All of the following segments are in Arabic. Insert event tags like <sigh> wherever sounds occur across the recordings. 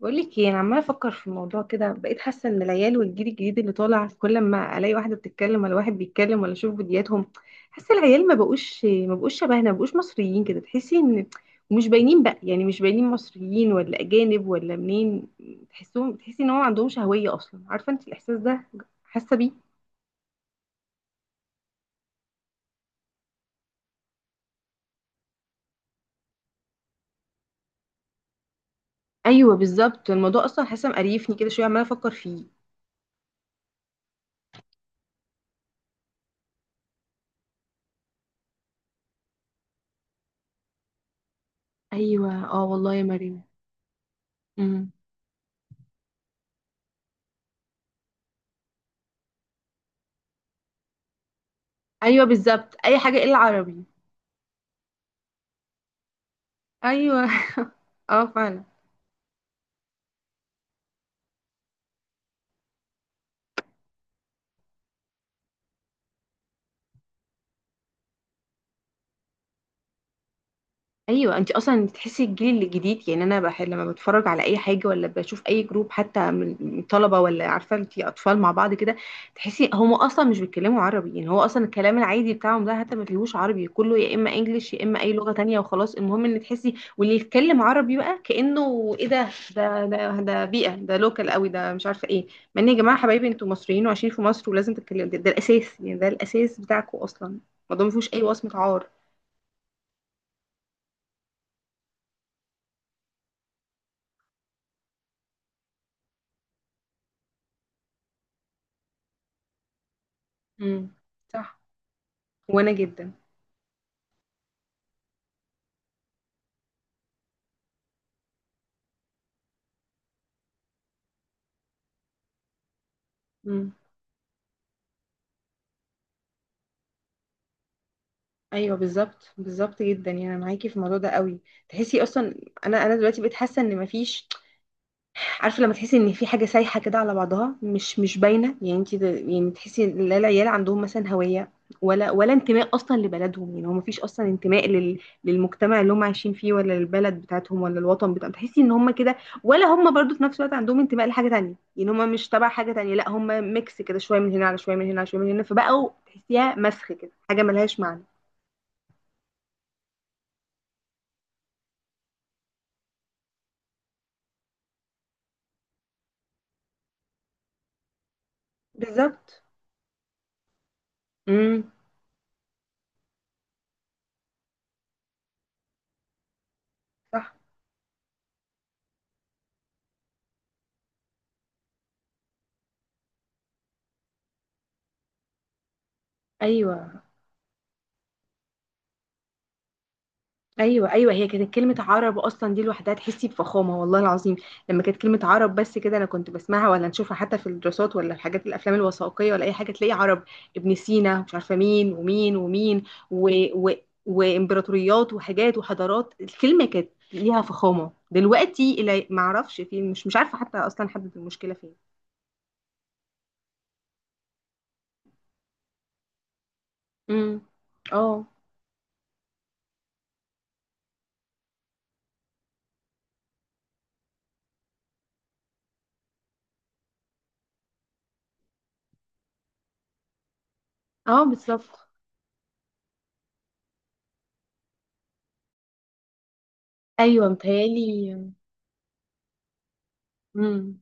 بقول لك ايه، انا عماله افكر في الموضوع كده. بقيت حاسه ان العيال والجيل الجديد اللي طالع كل ما الاقي واحده بتتكلم ولا واحد بيتكلم ولا اشوف فيديوهاتهم، حاسه العيال ما بقوش شبهنا، ما بقوش مصريين كده. تحسي ان ومش باينين بقى، يعني مش باينين مصريين ولا اجانب ولا منين. تحسي ان هو ما عندهمش هويه اصلا. عارفه انت الاحساس ده؟ حاسه بيه. ايوه بالظبط، الموضوع اصلا حاسه مقريفني كده شويه، عماله افكر فيه. ايوه اه والله يا مريم. امم ايوه بالظبط، اي حاجه الا عربي. ايوه <laughs> اه فعلا. ايوه انت اصلا بتحسي الجيل الجديد، يعني انا بحب لما بتفرج على اي حاجه ولا بشوف اي جروب حتى من طلبه، ولا عارفه انت اطفال مع بعض كده، تحسي هم اصلا مش بيتكلموا عربي. يعني هو اصلا الكلام العادي بتاعهم ده حتى ما فيهوش عربي، كله يا اما انجليش يا اما اي لغه تانية، وخلاص. المهم ان تحسي واللي يتكلم عربي بقى كانه ايه، ده ده بيئه، ده لوكال قوي، ده مش عارفه ايه. مع ان يا جماعه حبايبي، انتوا مصريين وعايشين في مصر ولازم تتكلموا ده، ده الاساس، يعني ده الاساس بتاعكم اصلا. الموضوع ما فيهوش اي وصمه عار. امم صح. وانا جدا. امم ايوه بالظبط، بالظبط جدا، يعني انا معاكي في الموضوع ده قوي. تحسي اصلا انا دلوقتي بقيت حاسه ان مفيش، عارفه لما تحسي ان في حاجه سايحه كده على بعضها، مش باينه، يعني انت يعني تحسي ان لا العيال عندهم مثلا هويه ولا انتماء اصلا لبلدهم. يعني هو مفيش اصلا انتماء للمجتمع اللي هم عايشين فيه ولا للبلد بتاعتهم ولا الوطن بتاعهم. تحسي ان هم كده، ولا هم برضو في نفس الوقت عندهم انتماء لحاجه تانية، يعني هم مش تبع حاجه تانية، لا هم ميكس كده، شويه من هنا على شويه من هنا على شويه من هنا، فبقوا تحسيها مسخ كده، حاجه ملهاش معنى. بالظبط. امم صح. ايوه. ايوه ايوه هي كانت كلمه عرب اصلا دي لوحدها تحسي بفخامه، والله العظيم. لما كانت كلمه عرب بس كده انا كنت بسمعها ولا نشوفها حتى في الدراسات ولا الحاجات، الافلام الوثائقيه ولا اي حاجه، تلاقي عرب، ابن سينا، مش عارفه مين ومين ومين، و... و... وامبراطوريات وحاجات وحضارات. الكلمه كانت ليها فخامه، دلوقتي الى ما اعرفش في، مش عارفه حتى اصلا حدد المشكله فين. امم اه. اه بالظبط. ايوه متهيألي. امم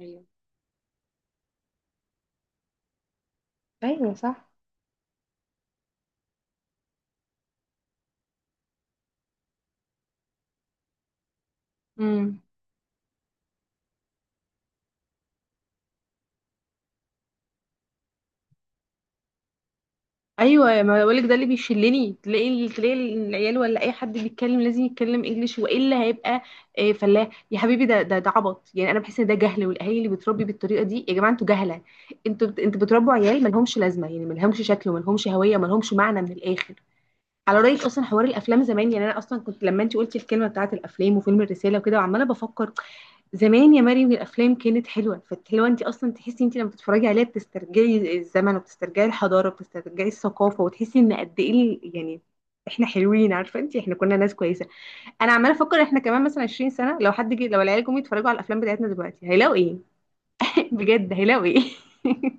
ايوه. ايوه صح. امم ايوه ما بقولك، ده اللي بيشلني، تلاقي تلاقي العيال ولا اي حد بيتكلم لازم يتكلم انجليش، والا هيبقى آه، فلاح يا حبيبي. ده ده ده عبط. يعني انا بحس ان ده جهل، والاهالي اللي بتربي بالطريقه دي يا جماعه انتوا جهله. انتوا بتربوا عيال ما لهمش لازمه، يعني ما لهمش شكل، وما لهمش هويه، وما لهمش معنى من الاخر. على رايك، اصلا حوار الافلام زمان، يعني انا اصلا كنت لما انت قلتي الكلمه بتاعت الافلام وفيلم الرساله وكده، وعماله بفكر، زمان يا مريم الافلام كانت حلوه. فالحلوه انت اصلا تحسي انت لما بتتفرجي عليها بتسترجعي الزمن، وبتسترجعي الحضاره، وبتسترجعي الثقافه، وتحسي ان قد ايه يعني احنا حلوين. عارفه انت احنا كنا ناس كويسه. انا عماله افكر احنا كمان مثلا 20 سنه، لو حد جه، لو العيال جم يتفرجوا على الافلام بتاعتنا دلوقتي هيلاقوا ايه؟ <laughs> بجد هيلاقوا ايه؟ <laughs>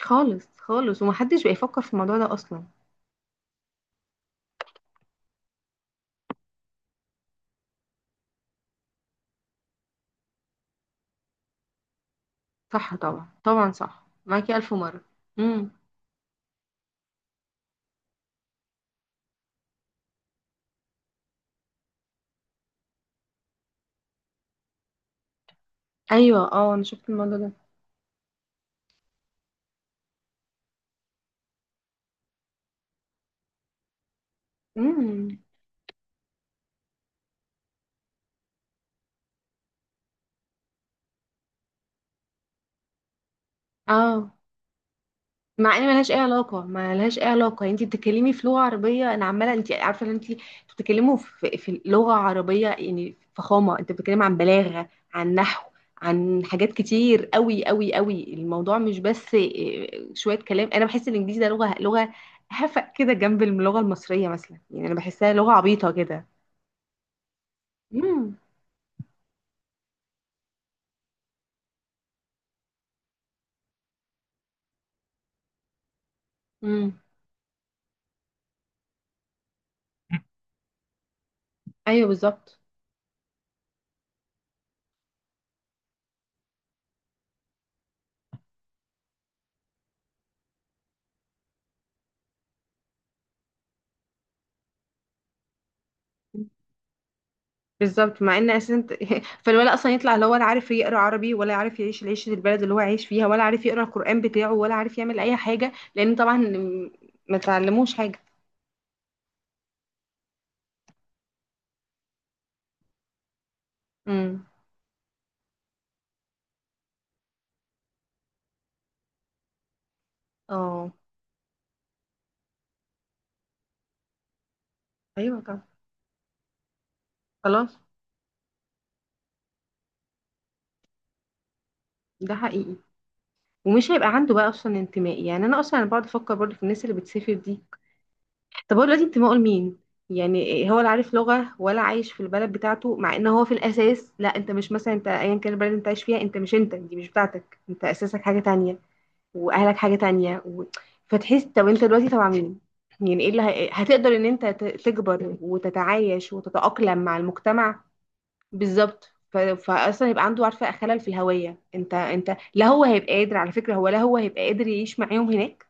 خالص خالص، ومحدش بقى يفكر في الموضوع ده اصلا. صح طبعا، طبعا، صح معاكي الف مره. امم ايوه. اه انا شفت الموضوع ده. امم اه. مع ان ملهاش اي علاقه، ملهاش اي علاقه. يعني انت بتتكلمي في لغه عربيه، انا عماله، انت عارفه ان انت بتتكلموا في، في لغه عربيه، يعني فخامه. انت بتتكلمي عن بلاغه، عن نحو، عن حاجات كتير قوي قوي قوي. الموضوع مش بس إيه، شويه كلام. انا بحس الانجليزي ده لغه، لغه هفق كده جنب اللغه المصريه مثلا، يعني انا بحسها لغه عبيطه كده. امم امم ايوه بالظبط، بالظبط. مع ان اساسا <laughs> فالولد اصلا يطلع لا هو ولا عارف يقرا عربي، ولا عارف يعيش العيشه البلد اللي هو عايش فيها، ولا عارف يقرا القران بتاعه، ولا عارف يعمل اي حاجه، لان طبعا ما تعلموش حاجه. امم اه. ايوه طبعا. خلاص. ده حقيقي. ومش هيبقى عنده بقى اصلا انتماء. يعني انا اصلا بقعد افكر برضه في الناس اللي بتسافر دي، طب هو دلوقتي انتمائه لمين؟ يعني هو لا عارف لغه، ولا عايش في البلد بتاعته، مع ان هو في الاساس، لا انت مش مثلا، انت ايا كان البلد اللي انت عايش فيها، انت مش، انت دي مش بتاعتك، انت اساسك حاجه تانية، واهلك حاجه تانية فتحس طب انت دلوقتي تبع مين؟ يعني ايه اللي هتقدر ان انت تكبر وتتعايش وتتاقلم مع المجتمع. بالظبط. فاصلا يبقى عنده، عارفه، خلل في الهويه. انت انت لا هو هيبقى قادر، على فكره هو لا هو هيبقى قادر يعيش معاهم هناك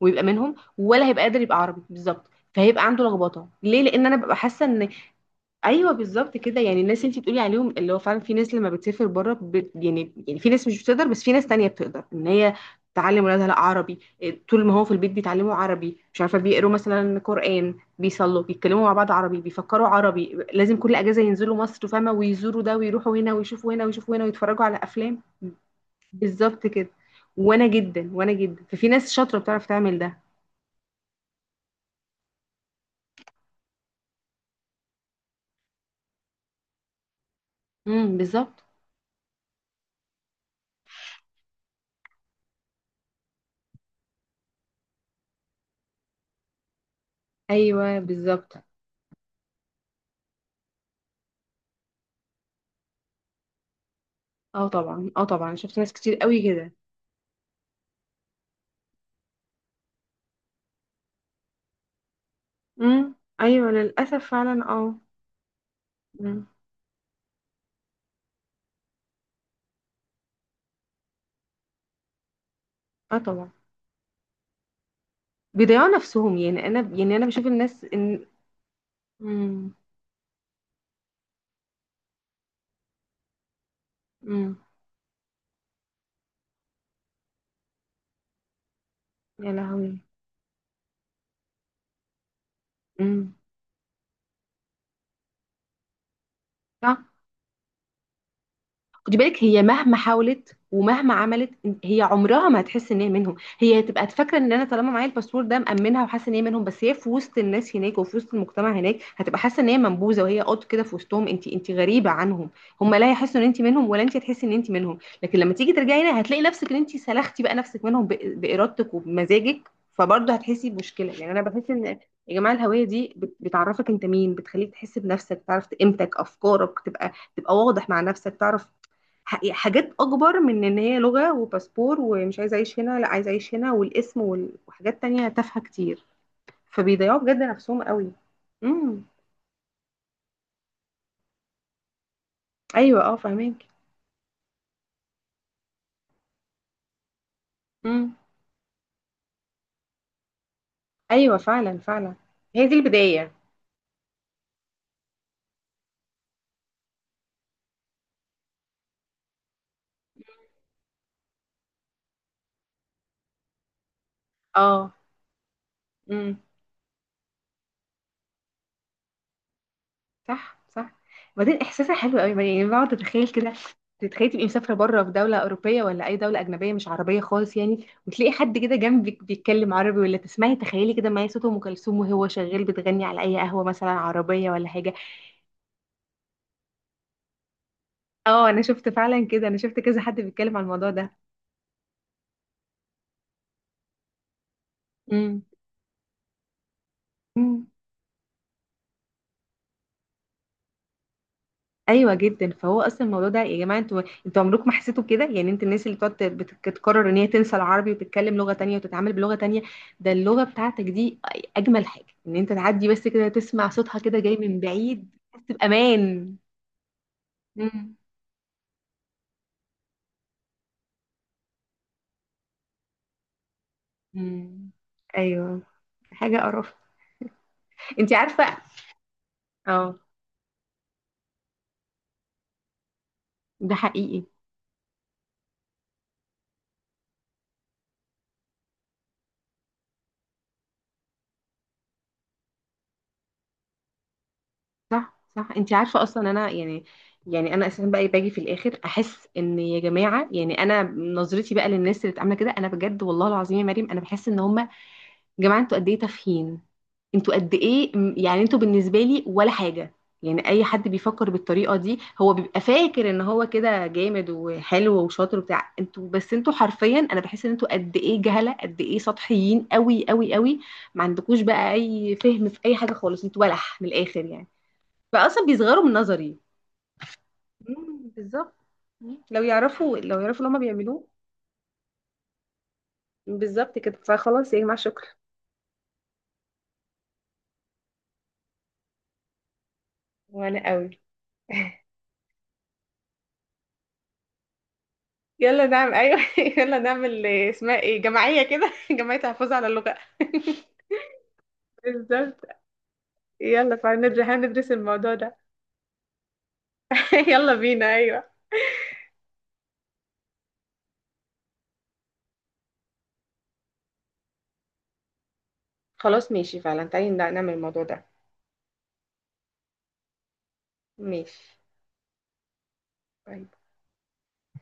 ويبقى منهم، ولا هيبقى قادر يبقى عربي. بالظبط. فهيبقى عنده لخبطه. ليه؟ لان انا ببقى حاسه ان، ايوه بالظبط كده. يعني الناس اللي انت بتقولي عليهم اللي هو فعلا، في ناس لما بتسافر بره بت، يعني يعني في ناس مش بتقدر، بس في ناس تانية بتقدر ان هي تعلم ولادها لا عربي إيه، طول ما هو في البيت بيتعلموا عربي، مش عارفه بيقروا مثلا قرآن، بيصلوا، بيتكلموا مع بعض عربي، بيفكروا عربي، لازم كل اجازه ينزلوا مصر، فاهمه، ويزوروا ده ويروحوا هنا ويشوفوا هنا ويشوفوا هنا ويتفرجوا على افلام. بالظبط كده. وانا جدا، وانا جدا. ففي ناس شاطره بتعرف تعمل ده. بالظبط. ايوه بالظبط. اه طبعا، اه طبعا شفت ناس كتير قوي كده. امم ايوه للاسف، فعلا. اه. مم. اه طبعا. بيضيعوا نفسهم. يعني انا، يعني انا بشوف الناس ان، امم امم يا لهوي. امم صح. خدي بالك هي مهما حاولت ومهما عملت، هي عمرها ما هتحس ان هي منهم. هي هتبقى فاكره ان انا طالما معايا الباسبور ده مأمنها وحاسه ان هي منهم، بس هي في وسط الناس هناك وفي وسط المجتمع هناك هتبقى حاسه ان هي منبوذه، وهي قط كده في وسطهم. انت انت غريبه عنهم. هم لا يحسوا ان انت منهم، ولا انت هتحسي ان انت منهم، لكن لما تيجي ترجعي هنا هتلاقي نفسك ان انت سلختي بقى نفسك منهم بارادتك وبمزاجك. فبرضه هتحسي بمشكله. يعني انا بحس ان يا جماعه، الهويه دي بتعرفك انت مين، بتخليك تحس بنفسك، تعرف قيمتك، افكارك تبقى، تبقى واضح مع نفسك، تعرف يعني حاجات اكبر من ان هي لغة وباسبور ومش عايزة اعيش هنا، لا عايزة اعيش هنا والاسم وحاجات تانية تافهة كتير. فبيضيعوا بجد نفسهم قوي. امم ايوه. اه فاهمك. امم ايوه فعلا، فعلا. هي دي البداية. اه. امم صح صح. وبعدين احساسها حلو قوي، يعني بقعد اتخيل كده، تتخيلي تبقي مسافرة بره في دولة أوروبية ولا أي دولة أجنبية مش عربية خالص، يعني، وتلاقي حد كده جنبك بيتكلم عربي، ولا تسمعي تخيلي كده معايا صوت أم كلثوم وهو شغال بتغني على أي قهوة مثلا عربية ولا حاجة. اه انا شفت فعلا كده، انا شفت كذا حد بيتكلم عن الموضوع ده. امم مم. ايوه جدا. فهو اصلا الموضوع ده يا جماعه، انتوا انتوا عمركم ما حسيتوا كده؟ يعني انت الناس اللي بتقعد بتقرر ان هي تنسى العربي وتتكلم لغه تانية وتتعامل بلغه تانية، ده اللغه بتاعتك دي. اجمل حاجه ان انت تعدي بس كده تسمع صوتها كده جاي من بعيد تحس بامان. امم امم ايوه، حاجه قرف. انت عارفه، اه، ده حقيقي. صح صح. انت عارفه اصلا انا، يعني يعني انا اساسا بقى باجي في الاخر احس ان يا جماعه، يعني انا نظرتي بقى للناس اللي بتعمل كده، انا بجد والله العظيم يا مريم انا بحس ان هم، يا جماعه انتوا قد ايه تافهين، انتوا قد ايه يعني انتوا بالنسبه لي ولا حاجه. يعني اي حد بيفكر بالطريقه دي هو بيبقى فاكر ان هو كده جامد وحلو وشاطر وبتاع، انتوا بس انتوا حرفيا، انا بحس ان انتوا قد ايه جهله، قد ايه سطحيين قوي قوي قوي. ما عندكوش بقى اي فهم في اي حاجه خالص، انتوا بلح من الاخر يعني. فاصلا بيصغروا من نظري. مم، بالظبط. مم. لو يعرفوا، لو يعرفوا اللي هما بيعملوه. بالظبط كده. فخلاص يا جماعه، شكرا. وانا قوي. <laughs> يلا نعمل، ايوه <laughs> يلا نعمل إيه، اسمها ايه، جمعيه كده <laughs> جمعيه تحفظ على اللغه. <laughs> بالظبط. يلا، فهندرس، هندرس الموضوع ده. <laughs> يلا بينا، ايوه. خلاص ماشي، فعلا تعالي نعمل الموضوع ده. ماشي. طيب.